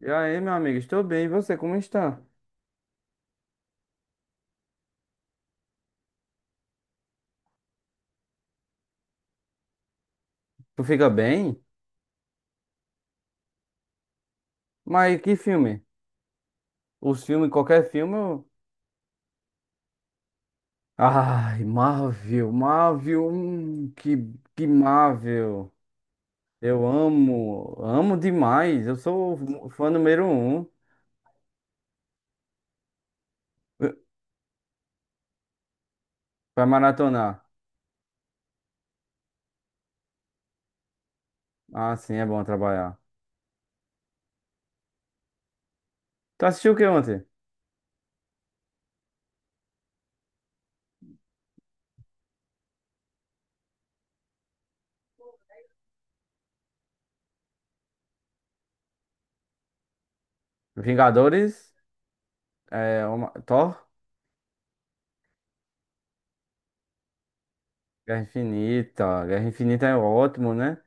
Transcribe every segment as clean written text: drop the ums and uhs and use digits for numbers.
E aí, meu amigo, estou bem. E você, como está? Tu fica bem? Mas que filme? Os filmes, qualquer filme. Ai, Marvel, Marvel, que Marvel. Eu amo, amo demais. Eu sou o fã número um. eh, Pra maratonar. Ah, sim, é bom trabalhar. Tu assistiu o que ontem? Vingadores? É, uma, Thor? Guerra Infinita. Guerra Infinita é ótimo, né?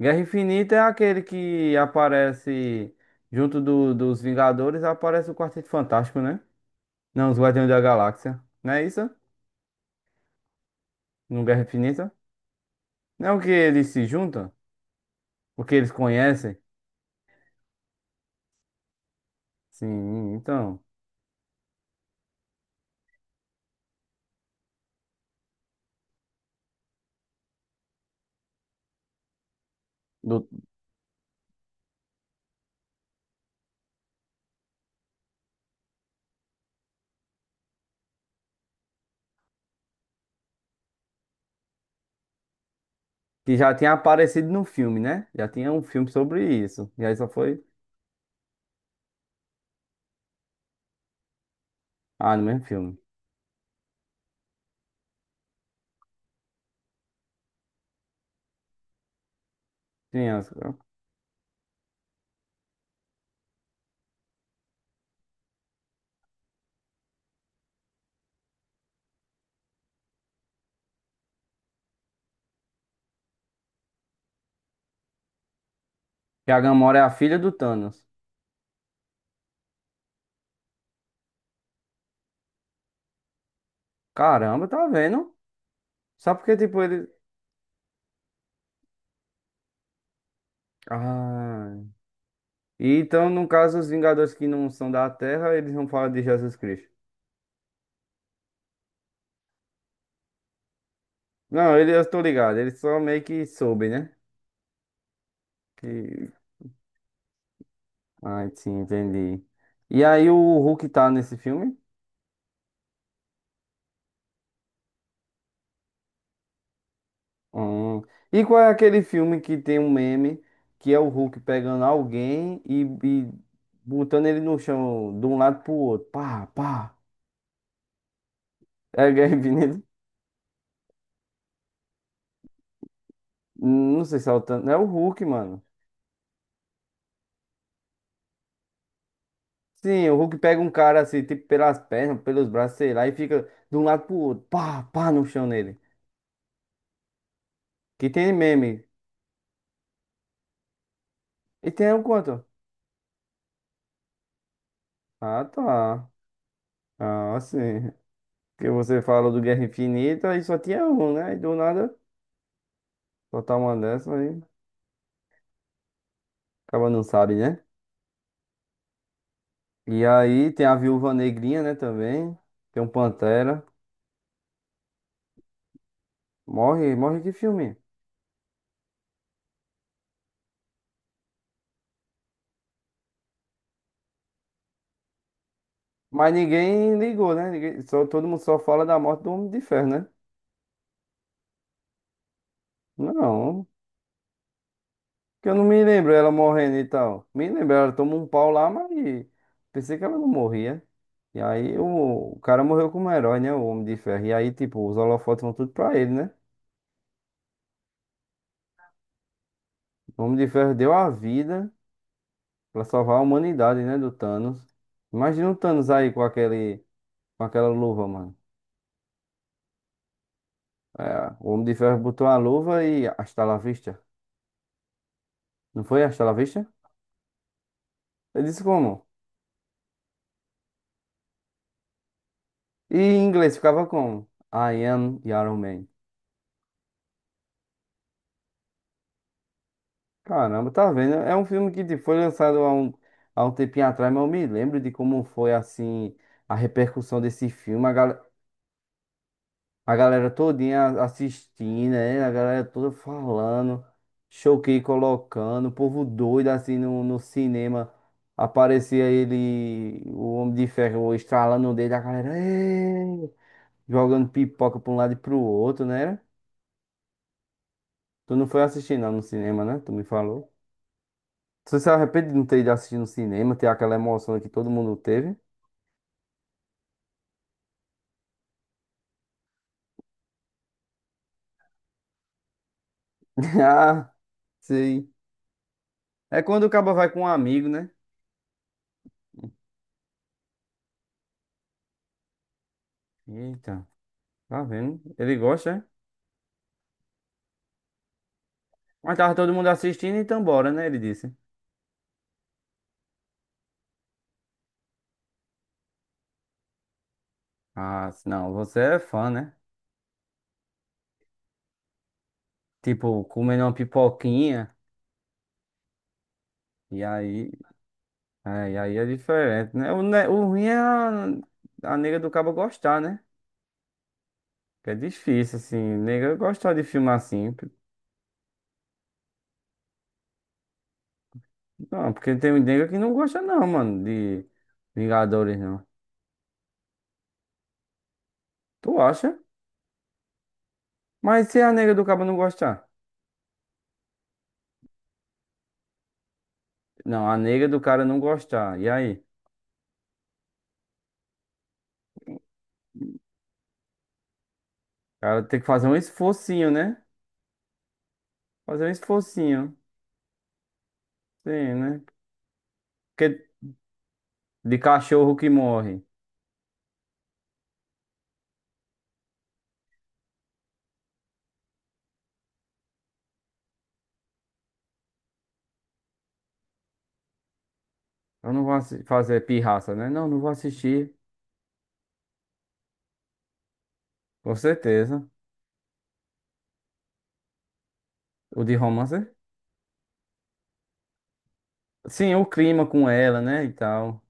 Guerra Infinita é aquele que aparece junto dos Vingadores, aparece o Quarteto Fantástico, né? Não, os Guardiões da Galáxia. Não é isso? No Guerra Infinita? Não que eles se juntam? Porque eles conhecem? Sim, então. do- que já tinha aparecido no filme, né? Já tinha um filme sobre isso. E aí só foi. Ah, no mesmo filme. Sim, que a Gamora é a filha do Thanos. Caramba, tá vendo? Só porque, tipo, ele. Ah. E então, no caso, os Vingadores que não são da Terra, eles não falam de Jesus Cristo. Não, ele, eu tô ligado, ele só meio que soube, né? Que... Ah, sim, entendi. E aí o Hulk tá nesse filme? Hum. E qual é aquele filme que tem um meme que é o Hulk pegando alguém e botando ele no chão de um lado pro outro? Pá, pá. É a Guerra Infinita? Não sei se é o tanto. É o Hulk, mano. Sim, o Hulk pega um cara assim, tipo, pelas pernas, pelos braços, sei lá, e fica de um lado pro outro, pá, pá, no chão nele. Que tem meme. E tem um quanto? Ah, tá. Ah, sim. Porque você falou do Guerra Infinita e só tinha um, né? E do nada, só tá uma dessa aí. Acaba não sabe, né? E aí tem a Viúva Negrinha, né, também. Tem um Pantera. Morre, morre que filme. Mas ninguém ligou, né? Ninguém, só, todo mundo só fala da morte do Homem de Ferro, né? Não, que eu não me lembro ela morrendo e tal. Me lembro, ela tomou um pau lá, mas pensei que ela não morria. E aí o cara morreu como herói, né? O Homem de Ferro. E aí, tipo, os holofotes vão tudo pra ele, né? O Homem de Ferro deu a vida pra salvar a humanidade, né? Do Thanos. Imagina o Thanos aí com aquela luva, mano. É, o Homem de Ferro botou a luva e hasta la vista. Não foi hasta la vista? Ele disse como? E em inglês ficava como? I am Iron Man. Caramba, tá vendo? É um filme que tipo, foi lançado há um tempinho atrás, mas eu me lembro de como foi assim a repercussão desse filme, a galera todinha assistindo, né? A galera toda falando, choquei colocando, o povo doido assim no cinema. Aparecia ele, o Homem de Ferro, estralando o dedo, a galera "Ê!", jogando pipoca pra um lado e pro outro, né? Tu não foi assistir não no cinema, né? Tu me falou. Você se arrepende de não ter ido assistir no cinema, ter aquela emoção que todo mundo teve? Ah, sei. É quando o cabo vai com um amigo, né? Eita, tá vendo? Ele gosta, é? Mas tava todo mundo assistindo, então bora, né? Ele disse. Ah, não, você é fã, né? Tipo, comendo uma pipoquinha. E aí, e aí é diferente, né? O ruim é a nega do cabo gostar, né? Que é difícil, assim, nega gostar de filme assim. Não, porque tem nega que não gosta, não, mano, de Vingadores, não. Tu acha? Mas se a nega do cara não gostar? Não, a nega do cara não gostar. E aí? O cara tem que fazer um esforcinho, né? Fazer um esforcinho. Sim, né? Porque de cachorro que morre. Eu não vou fazer pirraça, né? Não, não vou assistir. Com certeza. O de romance? Sim, o clima com ela, né? E tal.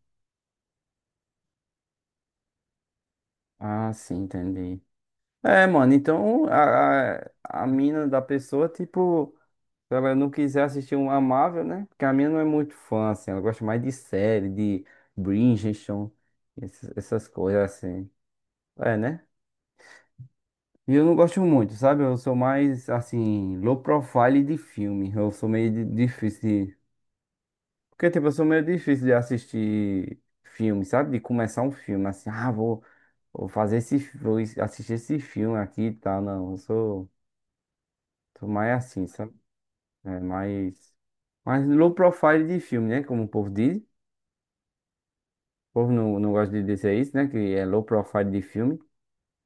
Ah, sim, entendi. É, mano, então a mina da pessoa, tipo. Se ela não quiser assistir um Amável, né? Porque a minha não é muito fã, assim. Ela gosta mais de série, de Bridgerton, essas coisas, assim. É, né? E eu não gosto muito, sabe? Eu sou mais, assim, low profile de filme. Eu sou meio difícil de... Porque, tipo, eu sou meio difícil de assistir filme, sabe? De começar um filme, assim. Ah, vou fazer esse... Vou assistir esse filme aqui e tal. Não, eu sou mais assim, sabe? É, mais... Mais low profile de filme, né? Como o povo diz. O povo não gosta de dizer isso, né? Que é low profile de filme.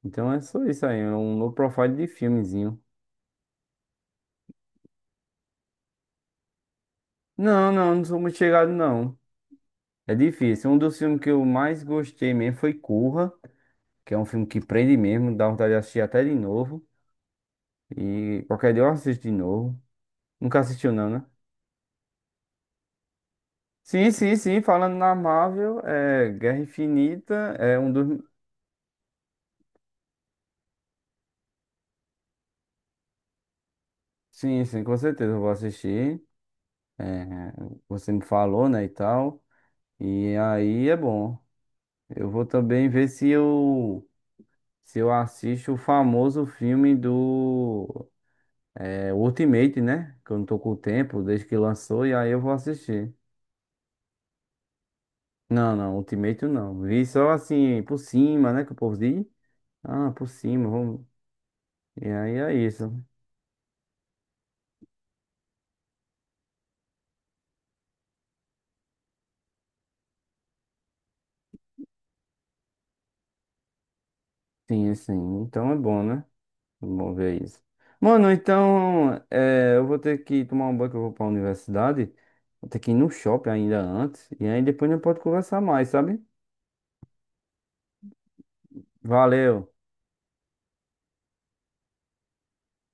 Então é só isso aí, é um low profile de filmezinho. Não, não, não sou muito chegado, não. É difícil. Um dos filmes que eu mais gostei mesmo foi Curra, que é um filme que prende mesmo, dá vontade de assistir até de novo. E qualquer dia eu assisto de novo. Nunca assistiu, não, né? Sim, sim, sim. Falando na Marvel, é Guerra Infinita é um dos. Sim, sim, com certeza eu vou assistir. É, você me falou, né, e tal. E aí é bom. Eu vou também ver se eu assisto o famoso filme do Ultimate, né? Que eu não tô com o tempo desde que lançou e aí eu vou assistir. Não, não, Ultimate não. Vi só assim por cima, né? Que o povo diz. Ah, por cima, vamos. E aí é isso. Sim, sim. Então é bom, né? É bom ver isso. Mano, então eu vou ter que tomar um banho que eu vou pra universidade. Vou ter que ir no shopping ainda antes. E aí depois a gente pode conversar mais, sabe? Valeu.